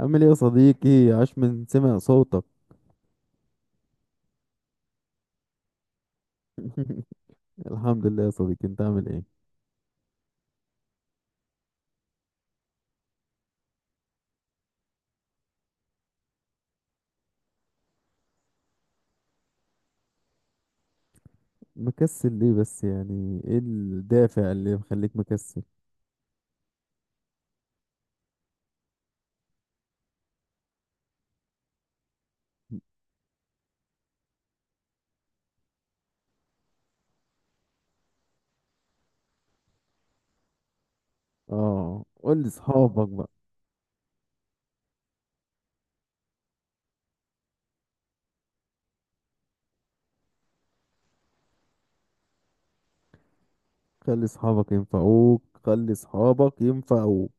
عامل ايه يا صديقي؟ عاش من سمع صوتك. الحمد لله يا صديقي، انت عامل ايه؟ مكسل ليه بس؟ يعني ايه الدافع اللي مخليك مكسل؟ اه، قول لي صحابك بقى. خلي صحابك ينفعوك، خلي صحابك ينفعوك.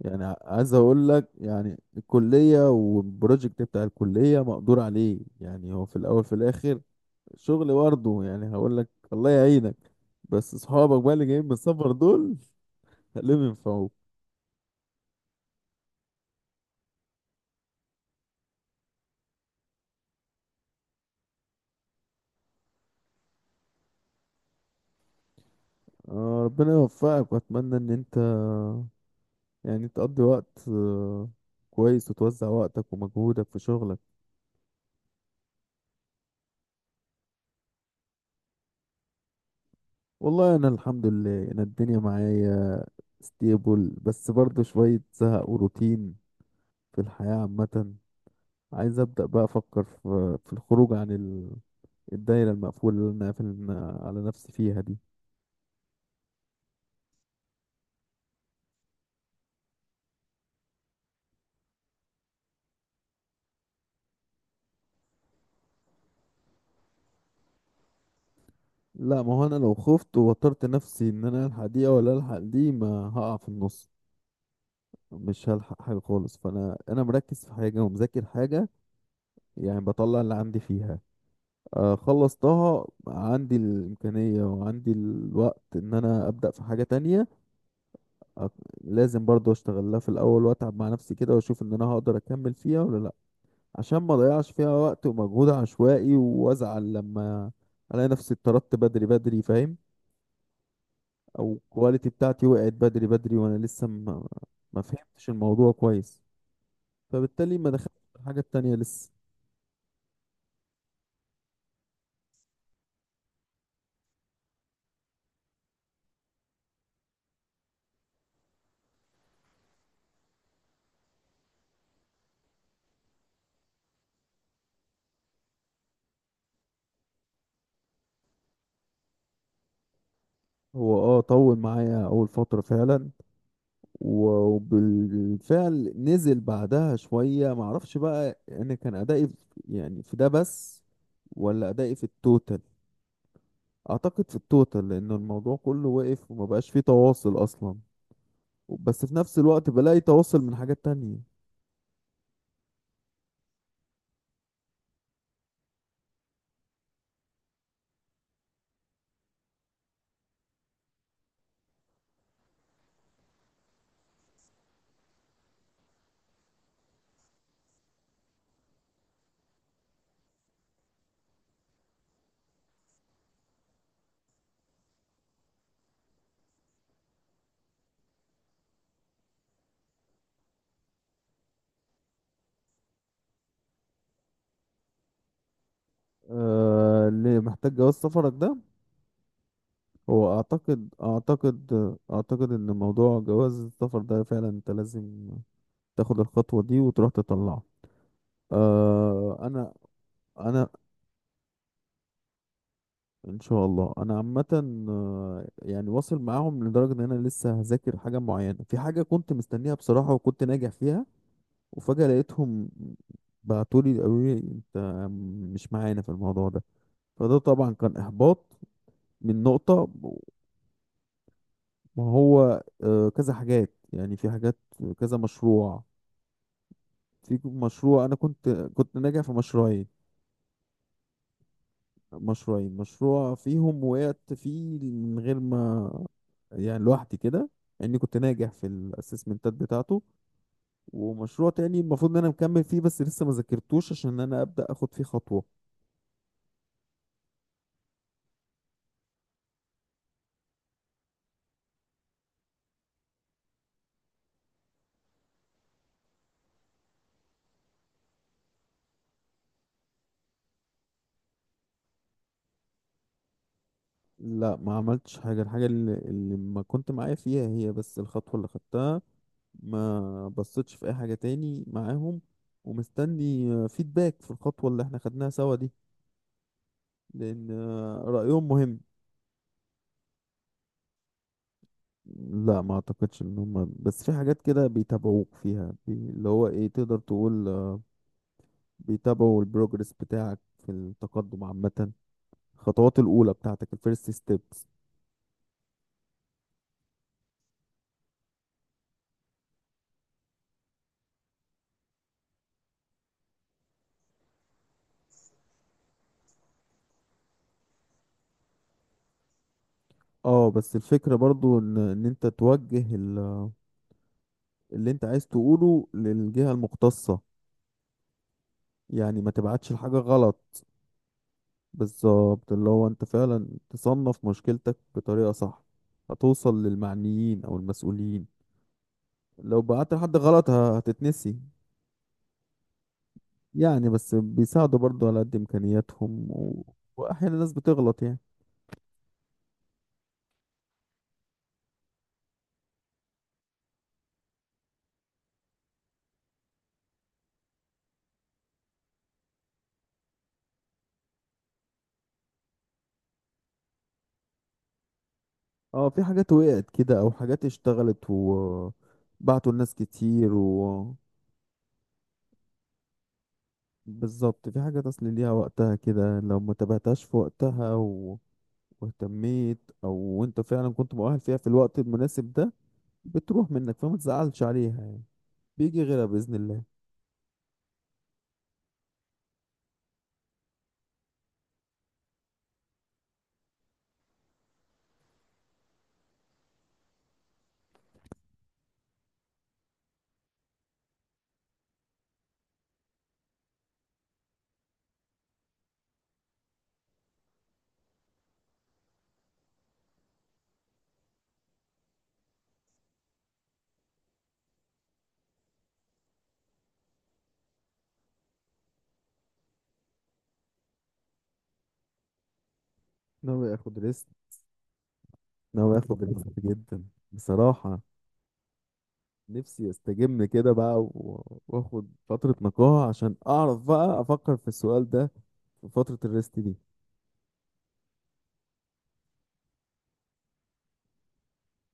يعني عايز اقول لك، يعني الكلية والبروجكت بتاع الكلية مقدور عليه، يعني هو في الاول في الاخر شغل برضه، يعني هقول لك الله يعينك. بس صحابك بقى اللي جايين من السفر دول. خليهم ينفعوك. آه، ربنا يوفقك، واتمنى ان انت يعني تقضي وقت كويس، وتوزع وقتك ومجهودك في شغلك. والله انا الحمد لله، انا الدنيا معايا ستيبل، بس برضه شوية زهق وروتين في الحياة عامة. عايز ابدأ بقى افكر في الخروج عن الدايرة المقفولة اللي انا قافل على نفسي فيها دي. لا، ما هو انا لو خفت ووترت نفسي ان انا الحق دي ولا الحق دي ما هقع في النص، مش هلحق حاجة خالص. فانا انا مركز في حاجة ومذاكر حاجة، يعني بطلع اللي عندي فيها. خلصتها، عندي الإمكانية وعندي الوقت إن أنا أبدأ في حاجة تانية. آه، لازم برضو أشتغل لها في الأول، وأتعب مع نفسي كده وأشوف إن أنا هقدر أكمل فيها ولا لأ، عشان ما أضيعش فيها وقت ومجهود عشوائي، وأزعل لما ألاقي نفسي اتطردت بدري بدري. فاهم؟ أو الكواليتي بتاعتي وقعت بدري بدري وأنا لسه ما فهمتش الموضوع كويس، فبالتالي ما دخلتش في الحاجة التانية لسه. هو طول معايا أول فترة فعلا، وبالفعل نزل بعدها شوية. معرفش بقى انا كان ادائي يعني في ده بس، ولا ادائي في التوتال. اعتقد في التوتال، لان الموضوع كله وقف وما بقاش فيه تواصل اصلا، بس في نفس الوقت بلاقي تواصل من حاجات تانية. آه، اللي محتاج جواز سفرك ده، هو اعتقد ان موضوع جواز السفر ده فعلا انت لازم تاخد الخطوة دي وتروح تطلعه. آه، انا ان شاء الله انا عامه. آه، يعني واصل معاهم لدرجه ان انا لسه هذاكر حاجه معينه في حاجه كنت مستنيها بصراحه، وكنت ناجح فيها، وفجاه لقيتهم بعتولي قالوا لي انت مش معانا في الموضوع ده. فده طبعا كان احباط من نقطه. ما هو كذا حاجات، يعني في حاجات، كذا مشروع. في مشروع انا كنت ناجح في مشروعين، مشروعين مشروع فيهم وقعت فيه من غير ما يعني، لوحدي كده، اني كنت ناجح في الاسسمنتات بتاعته. ومشروع تاني المفروض ان انا مكمل فيه، بس لسه ما ذاكرتوش عشان انا ابدا اخد فيه خطوه. لا، ما عملتش حاجه. الحاجه اللي ما كنت معايا فيها هي بس الخطوه اللي خدتها، ما بصيتش في اي حاجه تاني معاهم. ومستني فيدباك في الخطوه اللي احنا خدناها سوا دي، لان رايهم مهم. لا، ما اعتقدش ان هم بس في حاجات كده بيتابعوك فيها، اللي هو ايه، تقدر تقول بيتابعوا البروجرس بتاعك في التقدم عامة، الخطوات الاولى بتاعتك، الفيرست ستيبس. اه بس الفكرة برضو ان انت توجه اللي انت عايز تقوله للجهة المختصة، يعني ما تبعتش الحاجة غلط. بالظبط، اللي هو انت فعلا تصنف مشكلتك بطريقة صح، هتوصل للمعنيين او المسؤولين. لو بعت لحد غلط هتتنسي يعني، بس بيساعدوا برضو على قد امكانياتهم، واحيانا الناس بتغلط يعني. اه في حاجات وقعت كده، او حاجات اشتغلت وبعتوا الناس كتير، بالظبط. في حاجات اصل ليها وقتها كده، لو ما تابعتهاش في وقتها واهتميت، او انت فعلا كنت مؤهل فيها في الوقت المناسب ده، بتروح منك. فما تزعلش عليها يعني، بيجي غيرها باذن الله. ناوي اخد ريست، ناوي اخد ريست جدا بصراحة. نفسي استجم كده بقى واخد فترة نقاهة، عشان اعرف بقى افكر في السؤال ده في فترة الريست دي.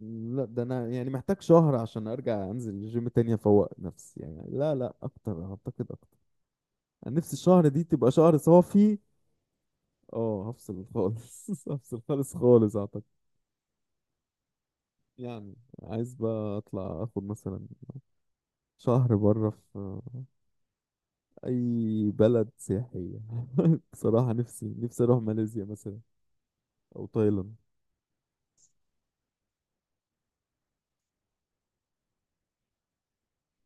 لا، ده انا يعني محتاج شهر عشان ارجع انزل الجيم تاني، افوق نفسي يعني. لا لا اكتر، اعتقد اكتر. انا نفسي الشهر دي تبقى شهر صافي. اه هفصل خالص. هفصل خالص خالص اعتقد. يعني عايز بقى اطلع اخد مثلا شهر بره في اي بلد سياحية. بصراحة نفسي نفسي اروح ماليزيا مثلا، او تايلاند.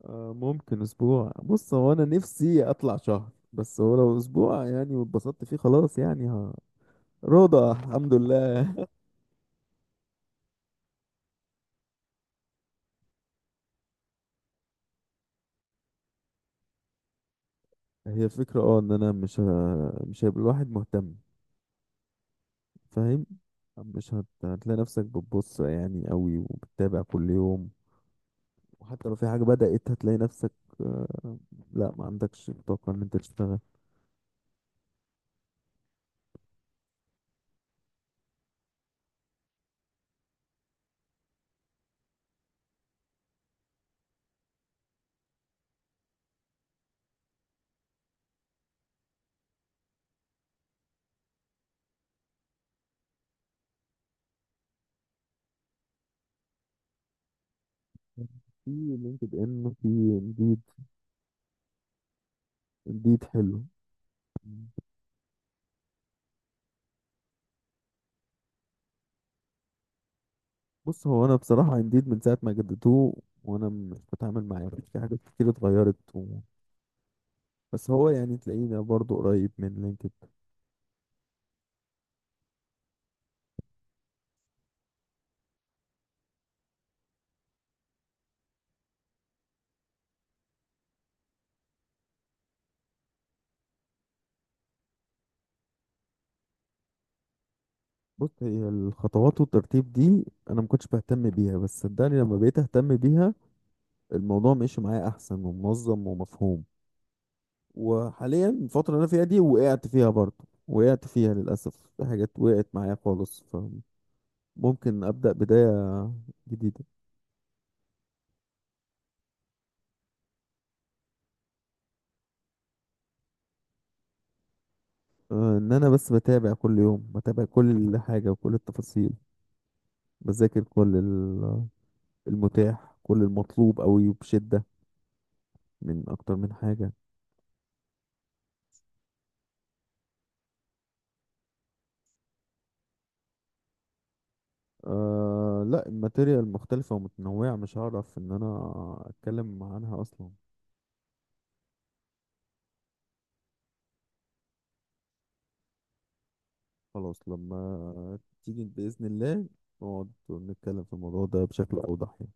آه، ممكن اسبوع. بص، هو انا نفسي اطلع شهر، بس هو لو اسبوع يعني واتبسطت فيه خلاص، يعني ها رضا الحمد لله. هي الفكرة ان انا مش مش هيبقى الواحد مهتم. فاهم؟ مش هتلاقي نفسك بتبص يعني قوي، وبتتابع كل يوم، وحتى لو في حاجة بدأت هتلاقي نفسك، آه، لا، ما عندكش طاقة ان انت تشتغل. في لينكد ان، في انديد. انديد حلو. بص، هو انا بصراحه انديد من ساعه ما جددوه وانا مش بتعامل معاه، في حاجات كتير اتغيرت، بس هو يعني تلاقينا برضو قريب من لينكد. بص، هي الخطوات والترتيب دي انا ما كنتش بهتم بيها، بس صدقني لما بقيت اهتم بيها الموضوع ماشي معايا احسن ومنظم ومفهوم. وحاليا الفتره اللي انا فيها دي وقعت فيها برضو، وقعت فيها للاسف في حاجات وقعت معايا خالص، فممكن ابدا بدايه جديده. ان انا بس بتابع كل يوم، بتابع كل حاجه وكل التفاصيل، بذاكر كل المتاح، كل المطلوب قوي وبشدة، من أكتر من حاجة. لا، الماتيريال مختلفة ومتنوعة، مش هعرف إن أنا أتكلم عنها أصلا. خلاص، لما تيجي بإذن الله نقعد نتكلم في الموضوع ده بشكل أوضح يعني.